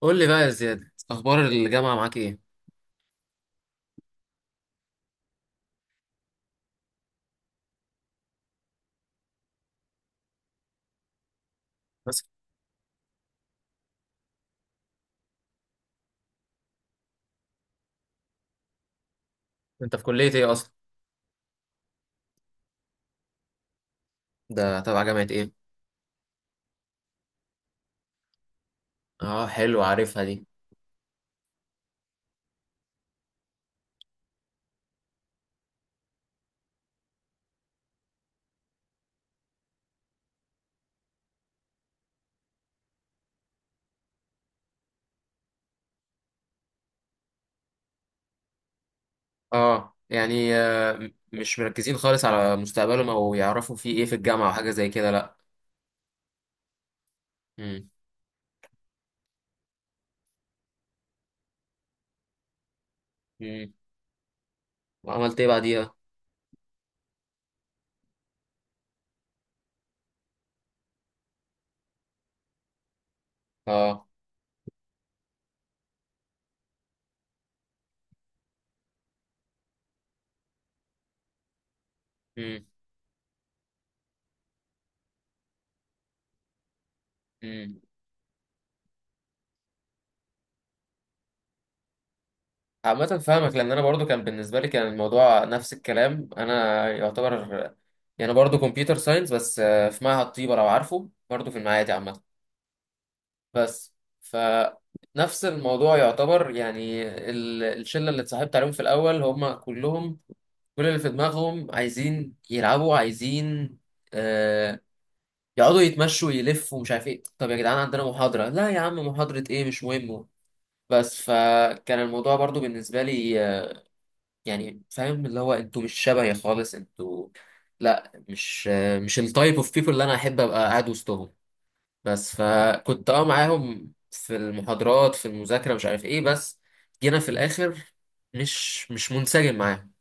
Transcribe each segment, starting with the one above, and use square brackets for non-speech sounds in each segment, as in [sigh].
قول لي بقى يا زياد، اخبار الجامعه معاك ايه؟ بس. انت في كليه ايه اصلا؟ ده تبع جامعه ايه؟ اه، حلو، عارفها دي. اه يعني مش مركزين خالص على مستقبلهم او يعرفوا في ايه في الجامعه او حاجه زي كده، لا. امم. امم. وعملت ايه بعديها؟ اه. امم، امم. عامه فاهمك، لان انا برضو كان بالنسبه لي كان الموضوع نفس الكلام انا يعتبر. يعني برضو كمبيوتر ساينس، بس في معهد طيبه، لو عارفه، برضو في المعادي عامه. بس. فنفس الموضوع يعتبر يعني. الشلة اللي اتصاحبت عليهم في الأول هم كلهم، كل اللي في دماغهم عايزين يلعبوا، عايزين آه يقعدوا يتمشوا يلفوا، مش عارف ايه. طب يا جدعان، عندنا محاضرة؟ لا يا عم، محاضرة ايه؟ مش مهم. بس فكان الموضوع برضو بالنسبة لي يعني فاهم اللي هو انتوا مش شبهي خالص، انتوا لا، مش مش التايب اوف بيبول اللي انا احب ابقى قاعد وسطهم. بس فكنت معاهم في المحاضرات في المذاكرة، مش عارف ايه، بس جينا في الآخر مش منسجم معاهم.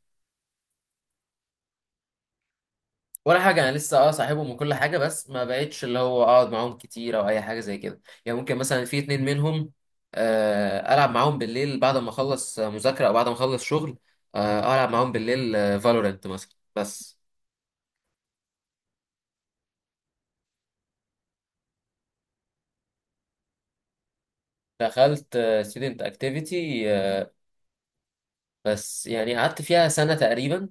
ولا حاجة، أنا لسه صاحبهم وكل حاجة، بس ما بقتش اللي هو أقعد معاهم كتير أو أي حاجة زي كده، يعني ممكن مثلا في اتنين منهم ألعب معاهم بالليل بعد ما أخلص مذاكرة أو بعد ما أخلص شغل. ألعب معاهم بالليل، فالورنت مثلا، بس. دخلت ستودنت اكتيفيتي، بس يعني قعدت فيها سنة تقريبا،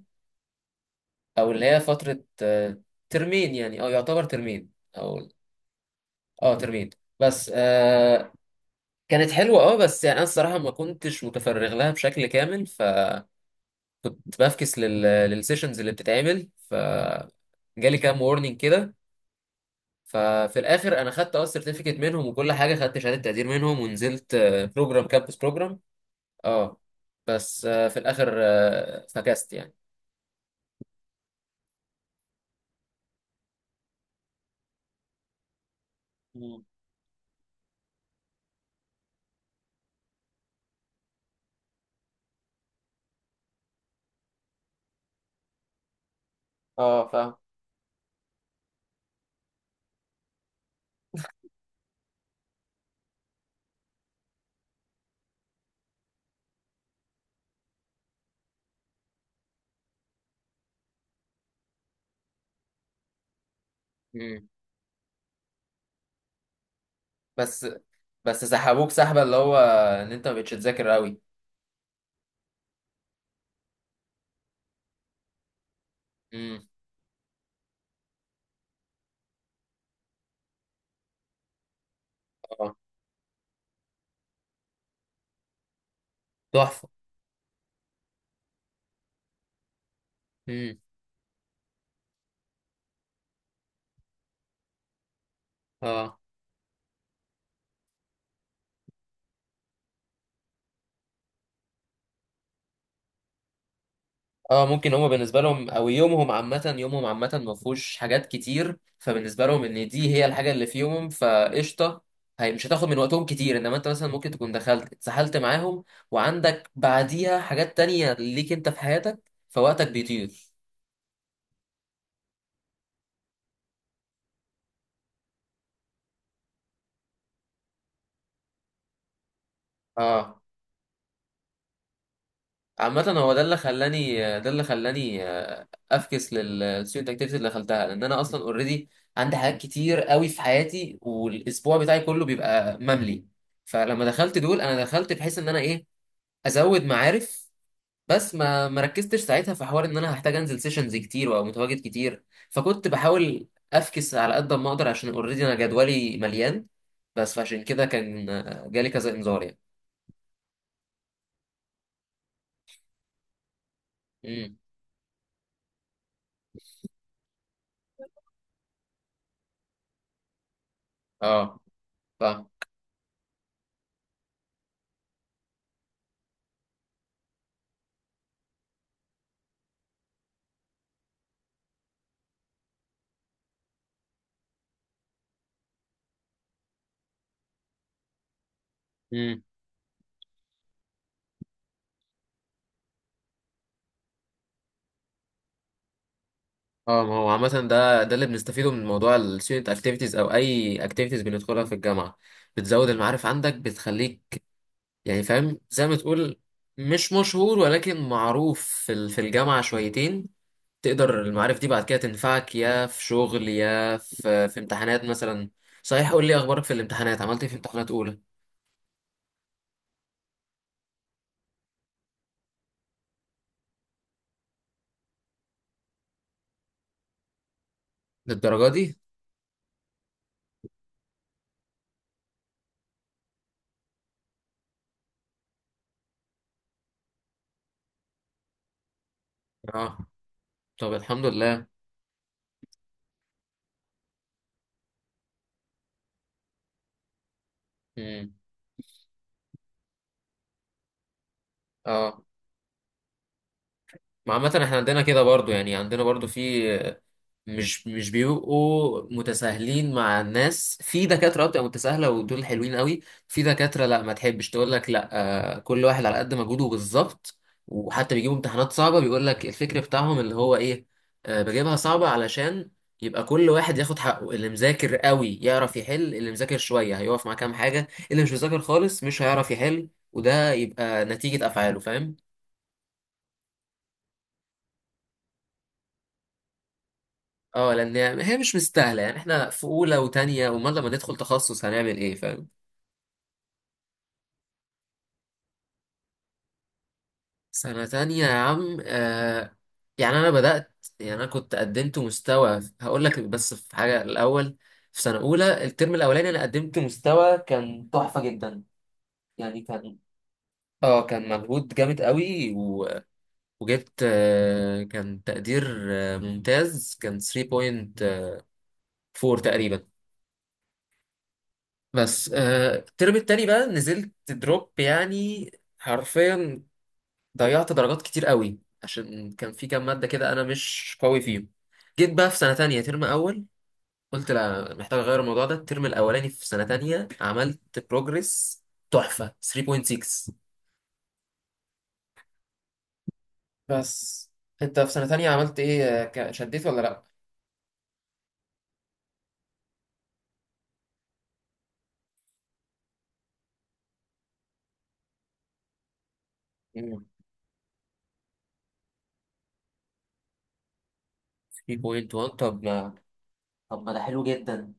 او اللي هي فتره ترمين يعني، او يعتبر ترمين، او اه، ترمين. بس. كانت حلوه، بس يعني انا الصراحه ما كنتش متفرغ لها بشكل كامل، فكنت بفكس للسيشنز اللي بتتعمل جالي كام وورنينج كده. ففي الاخر انا خدت السيرتيفيكت منهم، وكل حاجه خدت شهاده تقدير منهم، ونزلت بروجرام، كامبس بروجرام. اه، program campus program. بس في الاخر فكست يعني. مم. اه، فاهم. مم. بس. بس سحبوك سحبه اللي هو ان انت ما بقتش تذاكر قوي؟ امم. اه. تحفه. امم. اه. اه ممكن، هما بالنسبه لهم، او يومهم عامه يومهم عامه ما فيهوش حاجات كتير، فبالنسبه لهم ان دي هي الحاجه اللي في يومهم، فقشطه. هي مش هتاخد من وقتهم كتير، انما انت مثلا ممكن تكون دخلت اتسحلت معاهم، وعندك بعديها حاجات تانية ليك انت في حياتك، فوقتك بيطير. اه، عامة هو ده اللي خلاني افكس للستودنت اكتيفيتي اللي دخلتها، لان انا اصلا اوريدي عندي حاجات كتير قوي في حياتي، والاسبوع بتاعي كله بيبقى مملي. فلما دخلت دول، انا دخلت بحيث ان انا ايه، ازود معارف. بس ما ركزتش ساعتها في حوار ان انا هحتاج انزل سيشنز كتير وابقى متواجد كتير. فكنت بحاول افكس على قد ما اقدر، عشان اوريدي انا جدولي مليان. بس فعشان كده كان جالي كذا انذار يعني. امم. اه، فاهم. اه، ما هو عامة ده اللي بنستفيده من موضوع ال student activities أو أي activities بندخلها في الجامعة، بتزود المعارف عندك، بتخليك يعني فاهم، زي ما تقول مش مشهور، ولكن معروف في الجامعة شويتين. تقدر المعارف دي بعد كده تنفعك، يا في شغل يا في امتحانات مثلا. صحيح، قول لي أخبارك في الامتحانات، عملت إيه في امتحانات أولى؟ للدرجة دي؟ اه. طب، الحمد لله. مم. اه. ما عامة احنا عندنا كده برضو، يعني عندنا برضو في مش بيبقوا متساهلين مع الناس، في دكاترة بتبقى متساهلة، ودول حلوين قوي. في دكاترة لا، ما تحبش تقول لك لا، كل واحد على قد مجهوده بالظبط. وحتى بيجيبوا امتحانات صعبة، بيقول لك الفكر بتاعهم اللي هو ايه، بجيبها صعبة علشان يبقى كل واحد ياخد حقه. اللي مذاكر قوي يعرف يحل، اللي مذاكر شوية هيقف مع كام حاجة، اللي مش مذاكر خالص مش هيعرف يحل، وده يبقى نتيجة أفعاله، فاهم؟ اه، لان هي مش مستاهله، يعني احنا في اولى وتانية، امال لما ندخل تخصص هنعمل ايه، فاهم؟ سنة تانية يا عم. يعني أنا بدأت، يعني أنا كنت قدمت مستوى، هقول لك بس في حاجة الأول. في سنة أولى الترم الأولاني أنا قدمت مستوى كان تحفة جدا، يعني كان، اه، كان مجهود جامد قوي وجبت كان تقدير ممتاز، كان 3.4 تقريبا. بس الترم التاني بقى نزلت دروب يعني، حرفيا ضيعت درجات كتير قوي، عشان كان في كام مادة كده أنا مش قوي فيهم. جيت بقى في سنة تانية ترم أول، قلت لا، محتاج أغير الموضوع ده. الترم الأولاني في سنة تانية عملت بروجرس تحفة، 3.6. بس. أنت في سنة تانية عملت إيه شديت ولا لأ؟ مم، 3.1. طب ما ده حلو جدا.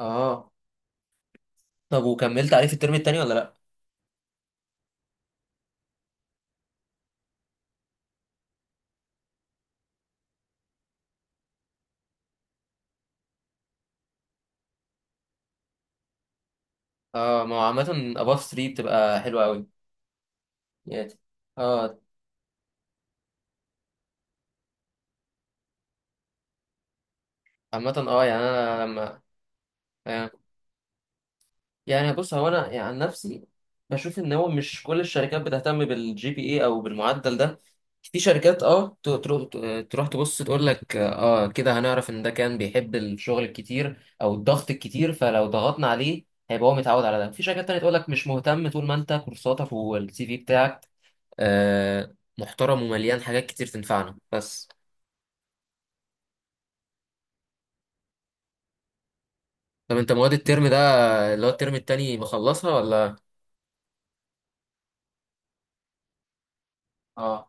آه. طب، وكملت عليه في الترم التاني ولا لأ؟ آه، ما هو عامة above 3 بتبقى حلوة أوي. يعني. آه. عامة يعني أنا لما، يعني، يعني بص هو انا يعني عن نفسي، بشوف ان هو مش كل الشركات بتهتم بالجي بي اي او بالمعدل ده. في شركات تروح تبص تقول لك كده هنعرف ان ده كان بيحب الشغل الكتير او الضغط الكتير، فلو ضغطنا عليه هيبقى هو متعود على ده. في شركات تانية تقول لك مش مهتم، طول ما انت كورساتك والسي في بتاعك آه، محترم ومليان حاجات كتير تنفعنا، بس. طب انت، مواد الترم ده اللي هو الترم التاني، مخلصها ولا؟ اه.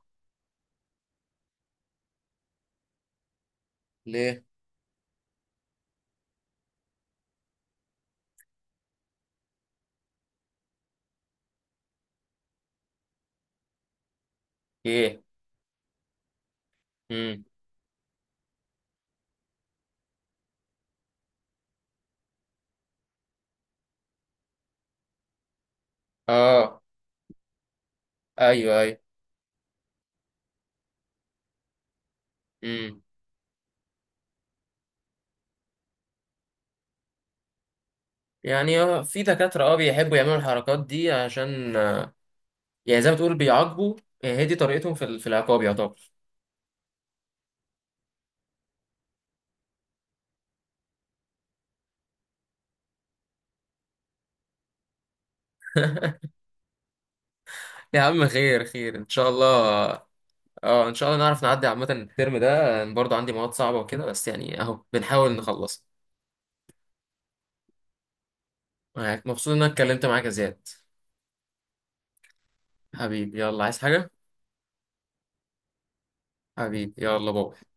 ليه؟ ايه. امم. اه، ايوه، ايوه. امم. يعني هو في دكاترة بيحبوا يعملوا الحركات دي، عشان يعني زي ما تقول، بيعاقبوا. هي دي طريقتهم في العقاب يعتبر. [laughs] يا عم، خير خير ان شاء الله. اه، ان شاء الله نعرف نعدي. عامة الترم ده أنا برضه عندي مواد صعبة وكده، بس يعني اهو بنحاول نخلص. مبسوط ان انا اتكلمت معاك يا زياد. حبيبي، يلا عايز حاجة؟ حبيبي، يلا بابا.